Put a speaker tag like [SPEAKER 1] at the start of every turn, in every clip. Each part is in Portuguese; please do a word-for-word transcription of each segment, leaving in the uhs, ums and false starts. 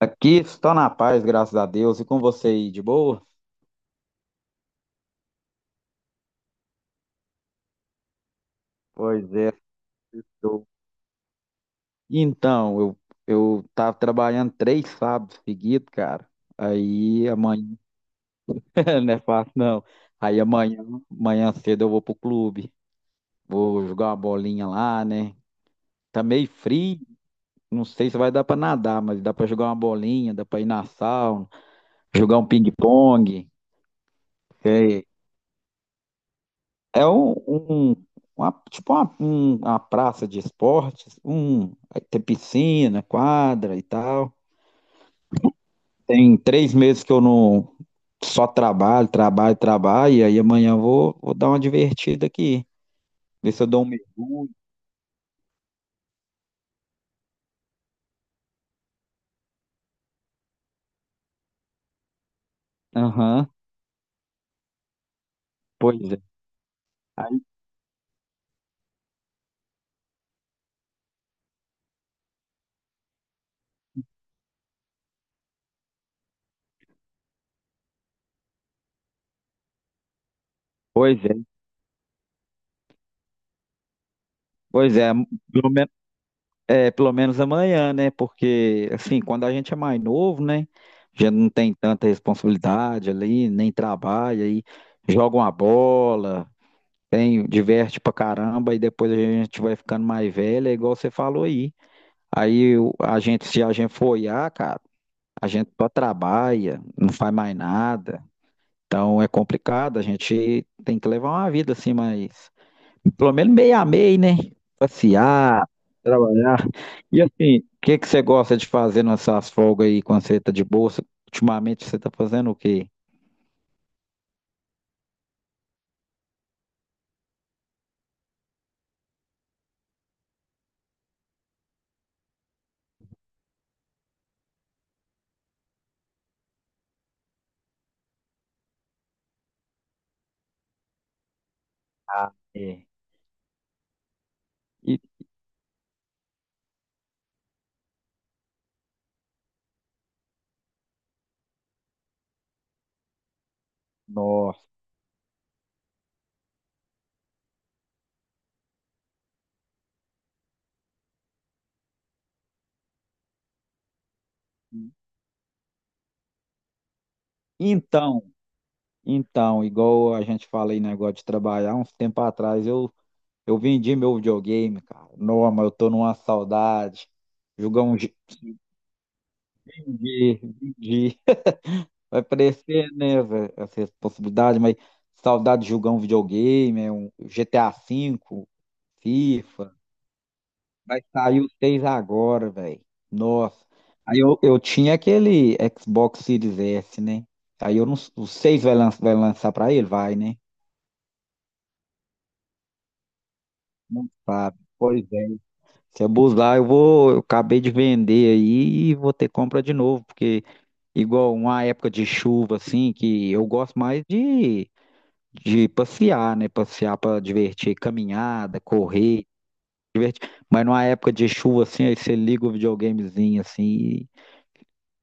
[SPEAKER 1] Aqui estou na paz, graças a Deus. E com você aí, de boa? Pois é, estou. Então, eu, eu tava trabalhando três sábados seguidos, cara. Aí amanhã, não é fácil não. Aí amanhã, amanhã cedo eu vou pro clube. Vou jogar uma bolinha lá, né? Tá meio frio, não sei se vai dar pra nadar, mas dá pra jogar uma bolinha, dá pra ir na sauna, jogar um ping-pong. É um, um- uma, tipo uma, um- uma praça de esportes, um, aí tem piscina, quadra e tal. Tem três meses que eu não só trabalho, trabalho, trabalho, e aí amanhã eu vou, vou dar uma divertida aqui, ver se eu dou um mergulho. Aham, pois é, pois é, pois é, pelo menos, é, pelo menos amanhã, né? Porque, assim, quando a gente é mais novo, né? Já não tem tanta responsabilidade ali, nem trabalha, aí joga uma bola, tem, diverte pra caramba e depois a gente vai ficando mais velha, é igual você falou aí. Aí o- a gente, se a gente for olhar, cara, a gente só trabalha, não faz mais nada. Então é complicado, a gente tem que levar uma vida assim, mas pelo menos meia a meio, né? Passear, trabalhar. E assim, o que que você gosta de fazer nessas folgas aí quando você tá de bolsa? Ultimamente você tá fazendo o quê? Ah, é. E, nossa. Então, Então, igual a gente fala aí, negócio de trabalhar, uns tempo atrás eu, eu vendi meu videogame, cara. Não, mas eu tô numa saudade. Jogar um dia, vendi, vendi. Vai parecer, né, velho, essa responsabilidade, mas saudade de jogar um videogame, é um G T A V, FIFA. Vai sair o seis agora, velho. Nossa. Aí eu, eu tinha aquele Xbox Series S, né? Aí eu não, O seis vai lançar, vai lançar pra ele? Vai, né? Não sabe. Pois é. Se abusar, eu vou, eu acabei de vender aí e vou ter compra de novo, porque igual uma época de chuva assim, que eu gosto mais de, de passear, né? Passear para divertir, caminhada, correr, divertir. Mas numa época de chuva assim, aí você liga o videogamezinho assim, e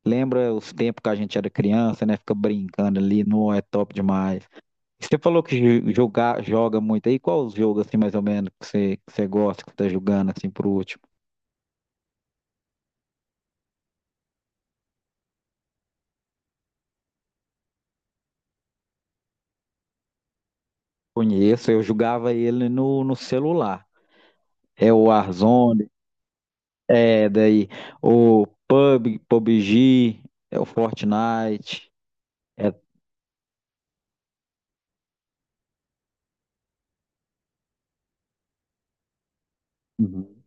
[SPEAKER 1] lembra os tempos que a gente era criança, né? Fica brincando ali, não é top demais. Você falou que ju- jogar, joga muito aí, qual os jogos assim mais ou menos que você, que você gosta, que você tá jogando assim por último? Conheço, eu jogava ele no, no celular. É o Warzone, é daí o Pub, P U B G, é o Fortnite. É, uhum.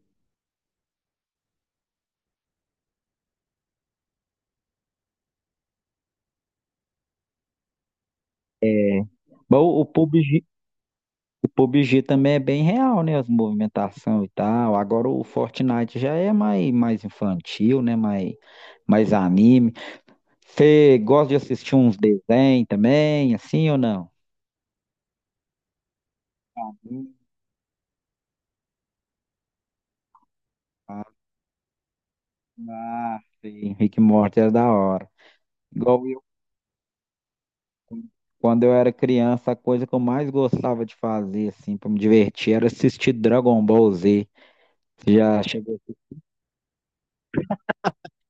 [SPEAKER 1] Bom, o P U B G, o P U B G também é bem real, né? As movimentação e tal. Agora o Fortnite já é mais, mais infantil, né? Mais, mais anime. Você gosta de assistir uns desenhos também, assim ou não? Hum. Ah, ah, sim. Rick e Morty é da hora. Igual quando eu era criança, a coisa que eu mais gostava de fazer, assim, pra me divertir, era assistir Dragon Ball Z. Você já chegou.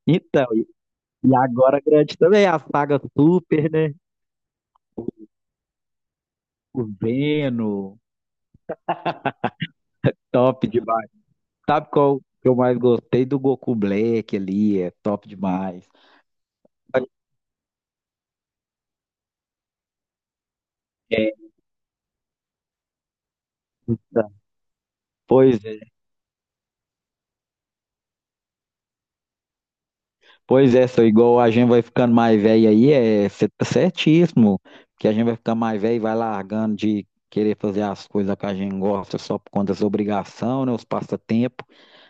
[SPEAKER 1] Então, e e agora grande também a saga Super, né? O Veno, top demais. Sabe qual que eu mais gostei do Goku Black ali? É top demais. É, então, pois é. Pois é, só igual a gente vai ficando mais velho aí, é, você tá certíssimo, que a gente vai ficando mais velho e vai largando de querer fazer as coisas que a gente gosta só por conta das obrigações, né, os passatempos,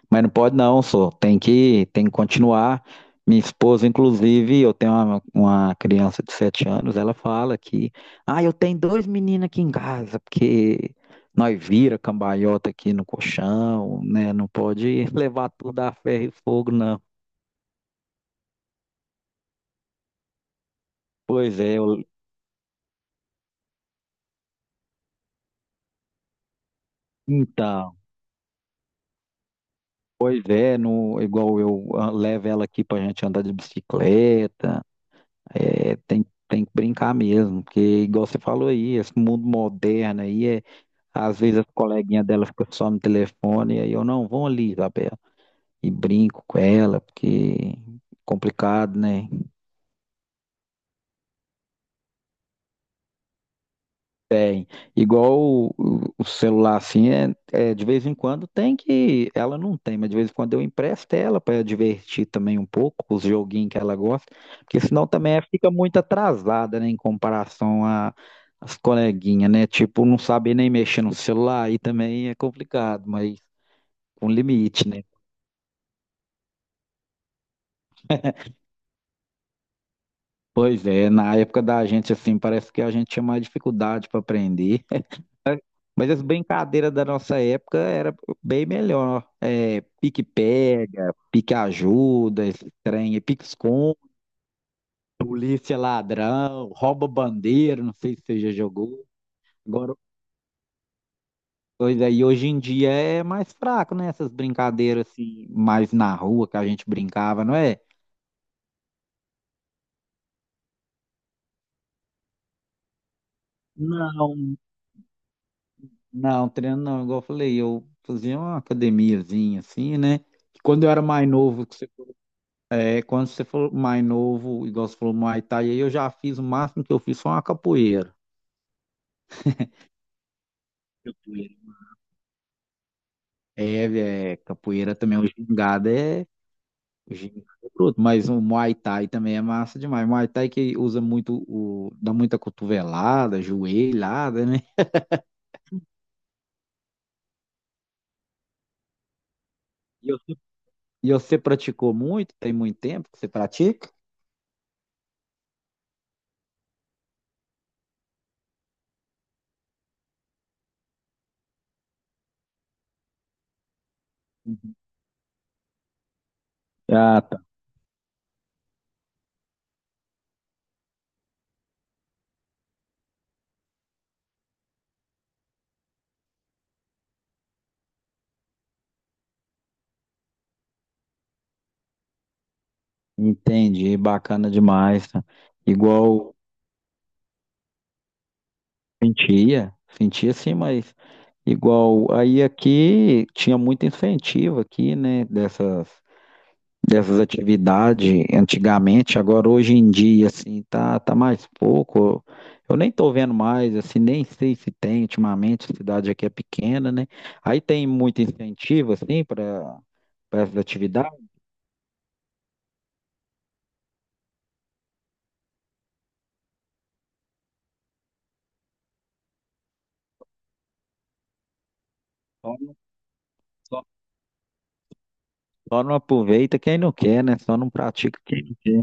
[SPEAKER 1] mas não pode não, só tem que, tem que continuar. Minha esposa, inclusive, eu tenho uma, uma criança de sete anos, ela fala que, ah, eu tenho dois meninos aqui em casa, porque nós vira cambalhota aqui no colchão, né, não pode levar tudo a ferro e fogo, não. Pois é, eu, Então, pois é, no, igual eu ah, levo ela aqui pra gente andar de bicicleta, é, tem, tem que brincar mesmo, porque igual você falou aí, esse mundo moderno aí, é, às vezes as coleguinhas dela ficam só no telefone, e aí eu não, vão ali, Isabela, e brinco com ela, porque é complicado, né? Tem. Igual o, o- o celular, assim, é, é, de vez em quando tem que. Ela não tem, mas de vez em quando eu empresto ela para divertir também um pouco, os joguinhos que ela gosta, porque senão também ela fica muito atrasada, né, em comparação a- às coleguinhas, né? Tipo, não sabe nem mexer no celular, aí também é complicado, mas com limite, né? Pois é, na época da gente, assim, parece que a gente tinha mais dificuldade para aprender. Mas as brincadeiras da nossa época era bem melhor. É, pique-pega, pique-ajuda, esse trem, pique-esconde, polícia ladrão, rouba bandeira, não sei se você já jogou. Agora, pois aí hoje em dia é mais fraco, né? Essas brincadeiras assim, mais na rua que a gente brincava, não é? Não, não, treino não, igual eu falei, eu fazia uma academiazinha assim, né? Quando eu era mais novo, é quando você falou mais novo, igual você falou Muay Thai, aí eu já fiz o máximo que eu fiz foi uma capoeira. Capoeira. É, é capoeira também, o gingado é, o gingado é bruto, mas o Muay Thai também é massa demais. Muay Thai que usa muito, o, dá muita cotovelada, joelhada, né? E você, e você praticou muito? Tem muito tempo que você pratica? Uhum. Ah, tá. Entendi, bacana demais. Tá? Igual sentia, sentia sim, mas igual, aí aqui tinha muito incentivo aqui, né, dessas, dessas atividades antigamente, agora hoje em dia, assim, tá, tá mais pouco, eu nem tô vendo mais, assim, nem sei se tem ultimamente, a cidade aqui é pequena, né, aí tem muito incentivo, assim, para para essas atividades, só não, só, só não aproveita quem não quer, né, só não pratica quem não quer,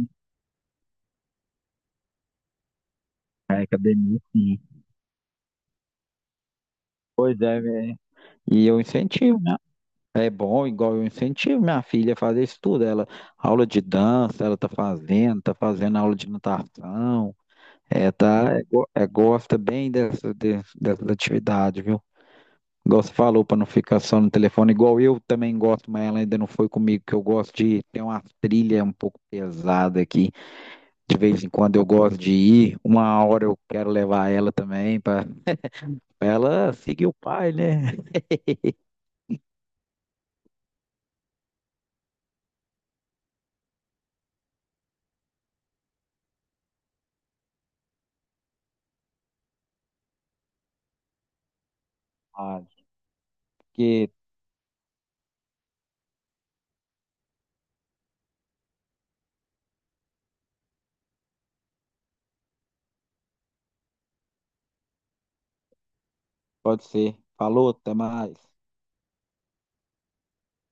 [SPEAKER 1] a academia, sim. Pois é, velho. E eu incentivo, né? É bom, igual eu incentivo minha filha a fazer isso tudo. Ela, aula de dança, ela tá fazendo, tá fazendo aula de natação. É, tá, é, go- é, gosta bem dessa, de- dessas atividades, viu? Igual você falou, para não ficar só no telefone, igual eu também gosto, mas ela ainda não foi comigo, que eu gosto de ter uma trilha um pouco pesada aqui. De vez em quando eu gosto de ir, uma hora eu quero levar ela também, para ela seguir o pai, né? Ah, que pode ser. Falou, até mais.